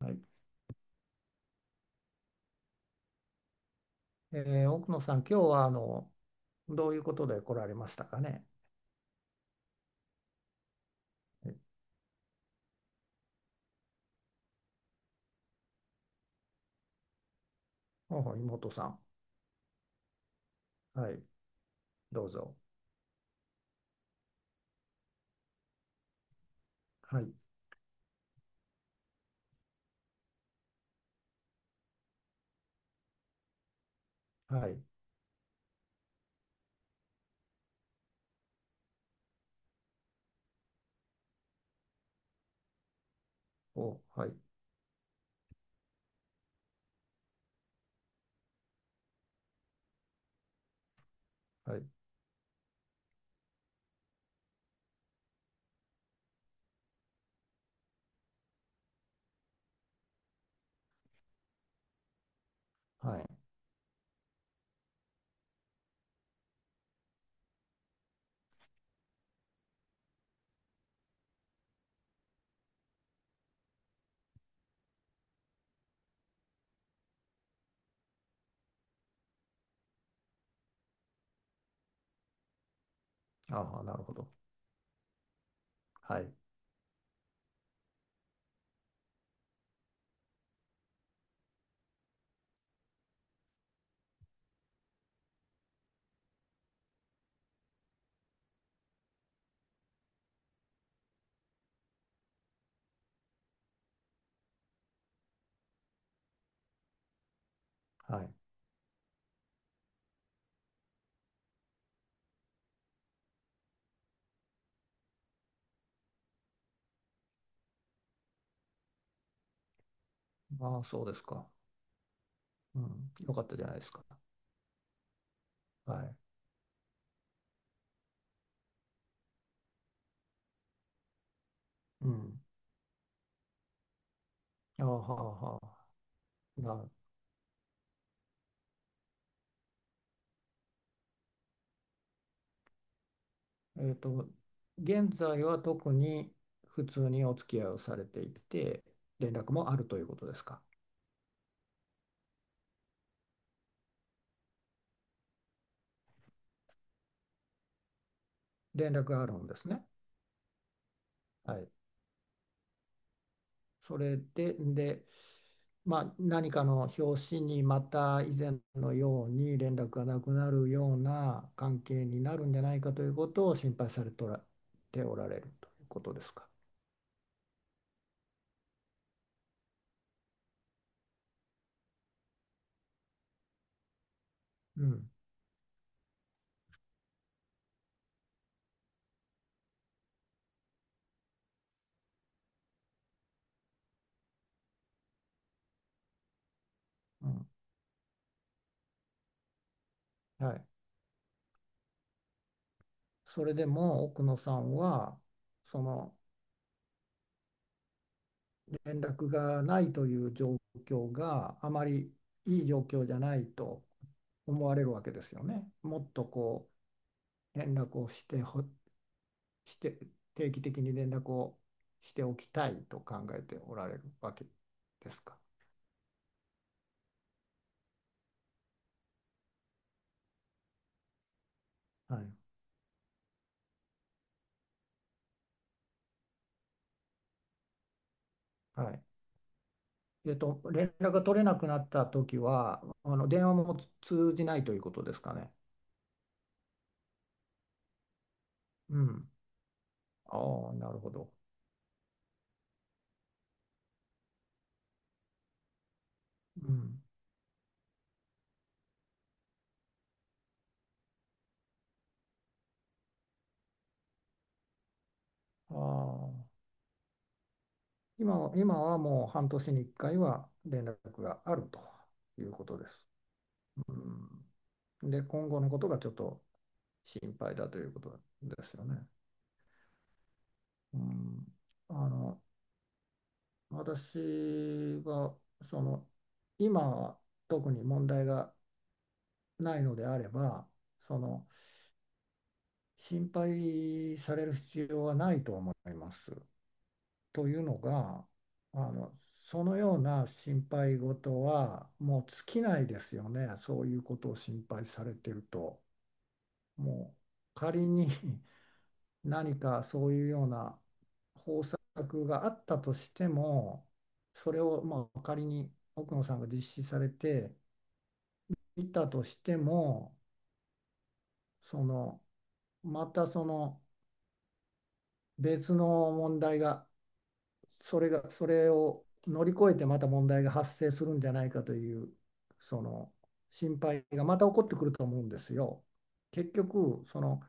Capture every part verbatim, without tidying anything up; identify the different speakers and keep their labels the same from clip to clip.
Speaker 1: はい、えー奥野さん、今日はあのどういうことで来られましたかね。えほうほう妹さん、はい、どうぞ。はい、はい、お、はい、はい、はい。ああ、なるほど。はい、はい。ああ、そうですか。うん、よかったじゃないですか。はい。うん。ああ、はあ、はあ。な、えっと、現在は特に普通にお付き合いをされていて、連絡もあるということですか。連絡があるんですね。はい。それで、で、まあ、何かの表紙にまた以前のように連絡がなくなるような関係になるんじゃないかということを心配されておらておられるということですか。うん、うん、はい。それでも奥野さんはその連絡がないという状況があまりいい状況じゃないと思われるわけですよね。もっとこう連絡をしてほして、定期的に連絡をしておきたいと考えておられるわけですか。はい。はい。えっと、連絡が取れなくなったときは、あの、電話も通じないということですかね。うん。ああ、なるほど。うん。ああ。今は、今はもう半年にいっかいは連絡があるということです。うん。で、今後のことがちょっと心配だということですよね。うん。あの、私はその今は特に問題がないのであれば、その心配される必要はないと思います。というのが、あのそのような心配事はもう尽きないですよね。そういうことを心配されてると、もう仮に 何かそういうような方策があったとしても、それをまあ仮に奥野さんが実施されていたとしても、そのまたその別の問題が、それが、それを乗り越えてまた問題が発生するんじゃないかという、その心配がまた起こってくると思うんですよ。結局、その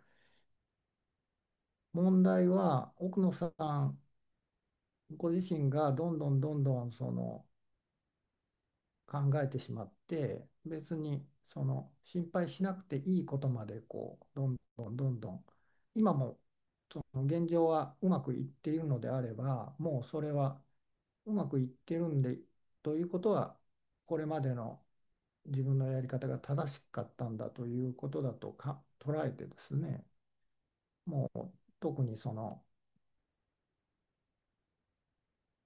Speaker 1: 問題は奥野さんご自身がどんどんどんどんその考えてしまって、別にその心配しなくていいことまでこうどんどんどんどん、今も現状はうまくいっているのであれば、もうそれはうまくいってるんで、ということはこれまでの自分のやり方が正しかったんだということだとか捉えてですね、もう特にその、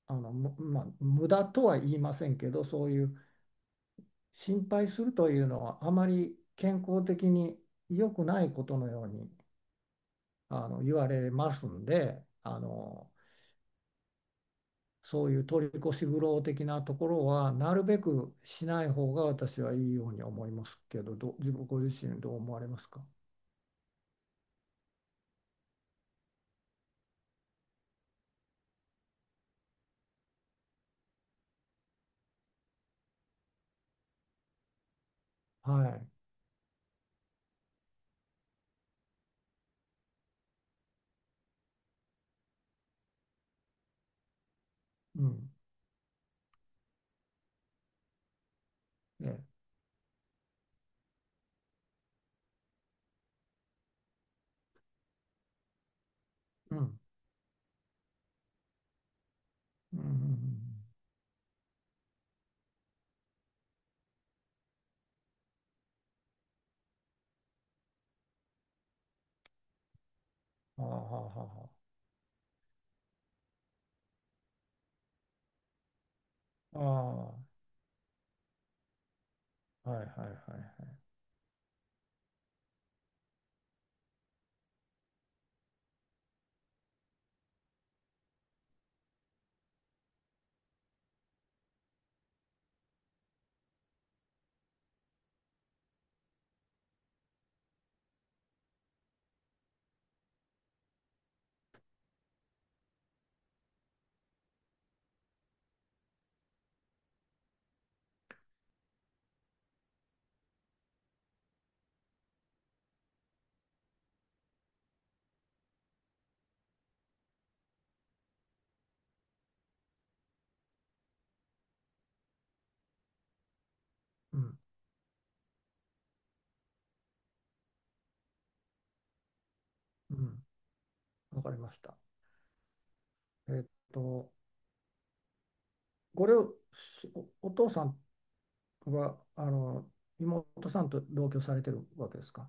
Speaker 1: あのむまあ無駄とは言いませんけど、そういう心配するというのはあまり健康的に良くないことのようにあの言われますんで、あのそういう取り越し苦労的なところはなるべくしない方が私はいいように思いますけど、どう、自分ご自身どう思われますか。はい。うん。ええ。うん。うんうんうんうん、ああ、はあはあはあ。ああ、はいはいはいはい。うん。うん。わかりました。えっと、これをしお、お父さんは、あの、妹さんと同居されてるわけですか。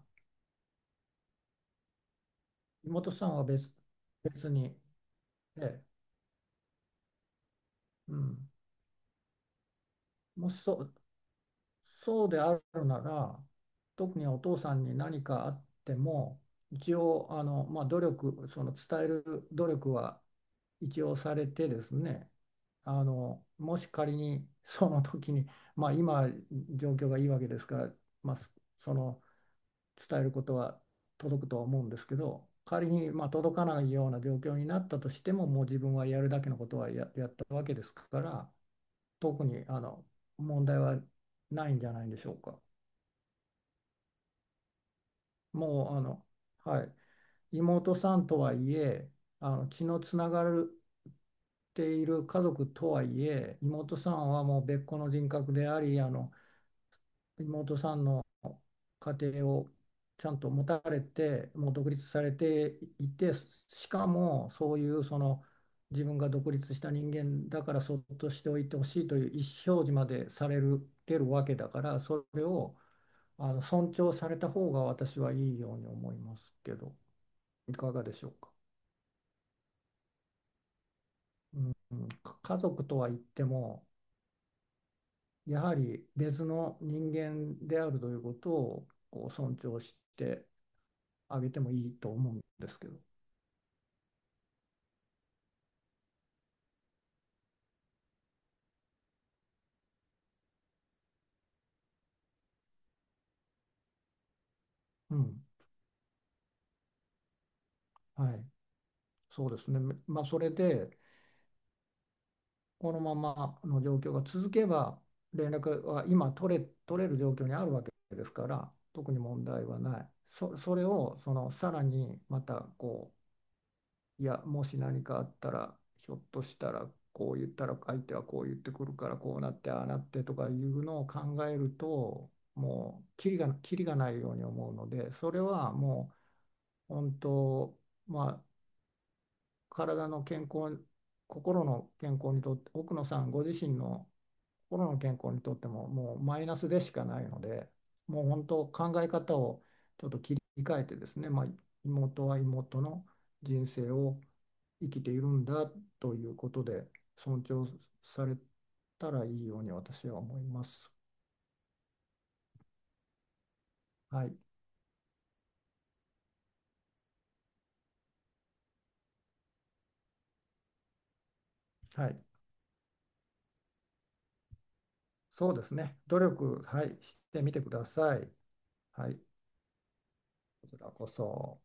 Speaker 1: 妹さんは別、別に、ええ、うん。もしそう、そうであるなら、特にお父さんに何かあっても、一応、あの、まあ、努力、その伝える努力は一応されてですね、あの、もし仮にその時に、まあ、今、状況がいいわけですから、まあ、その、伝えることは届くとは思うんですけど、仮にまあ届かないような状況になったとしても、もう自分はやるだけのことはや、やったわけですから、特にあの問題はないんじゃないでしょうか。もうあの、はい、妹さんとはいえ、あの血のつながるっている家族とはいえ、妹さんはもう別個の人格であり、あの妹さんの家庭をちゃんと持たれて、もう独立されていて、しかもそういうその自分が独立した人間だからそっとしておいてほしいという意思表示までされる、てるわけだから、それをあの尊重された方が私はいいように思いますけど、いかがでしょうか。うんうん、か家族とは言っても、やはり別の人間であるということをこう尊重して上げてもいいと思うんですけど、うん、はい、そうですね、まあ、それで、このままの状況が続けば、連絡は今取れ、取れる状況にあるわけですから、特に問題はない。そ、それをそのさらにまたこう、いや、もし何かあったら、ひょっとしたらこう言ったら、相手はこう言ってくるから、こうなって、ああなってとかいうのを考えると、もう、キリが、キリがないように思うので、それはもう、本当、まあ、体の健康、心の健康にとって、奥野さんご自身の心の健康にとっても、もうマイナスでしかないので、もう本当、考え方をちょっと切り替えてですね、まあ、妹は妹の人生を生きているんだということで、尊重されたらいいように私は思います。はい。はい。そうですね。努力、はい、してみてください。はい。こちらこそ。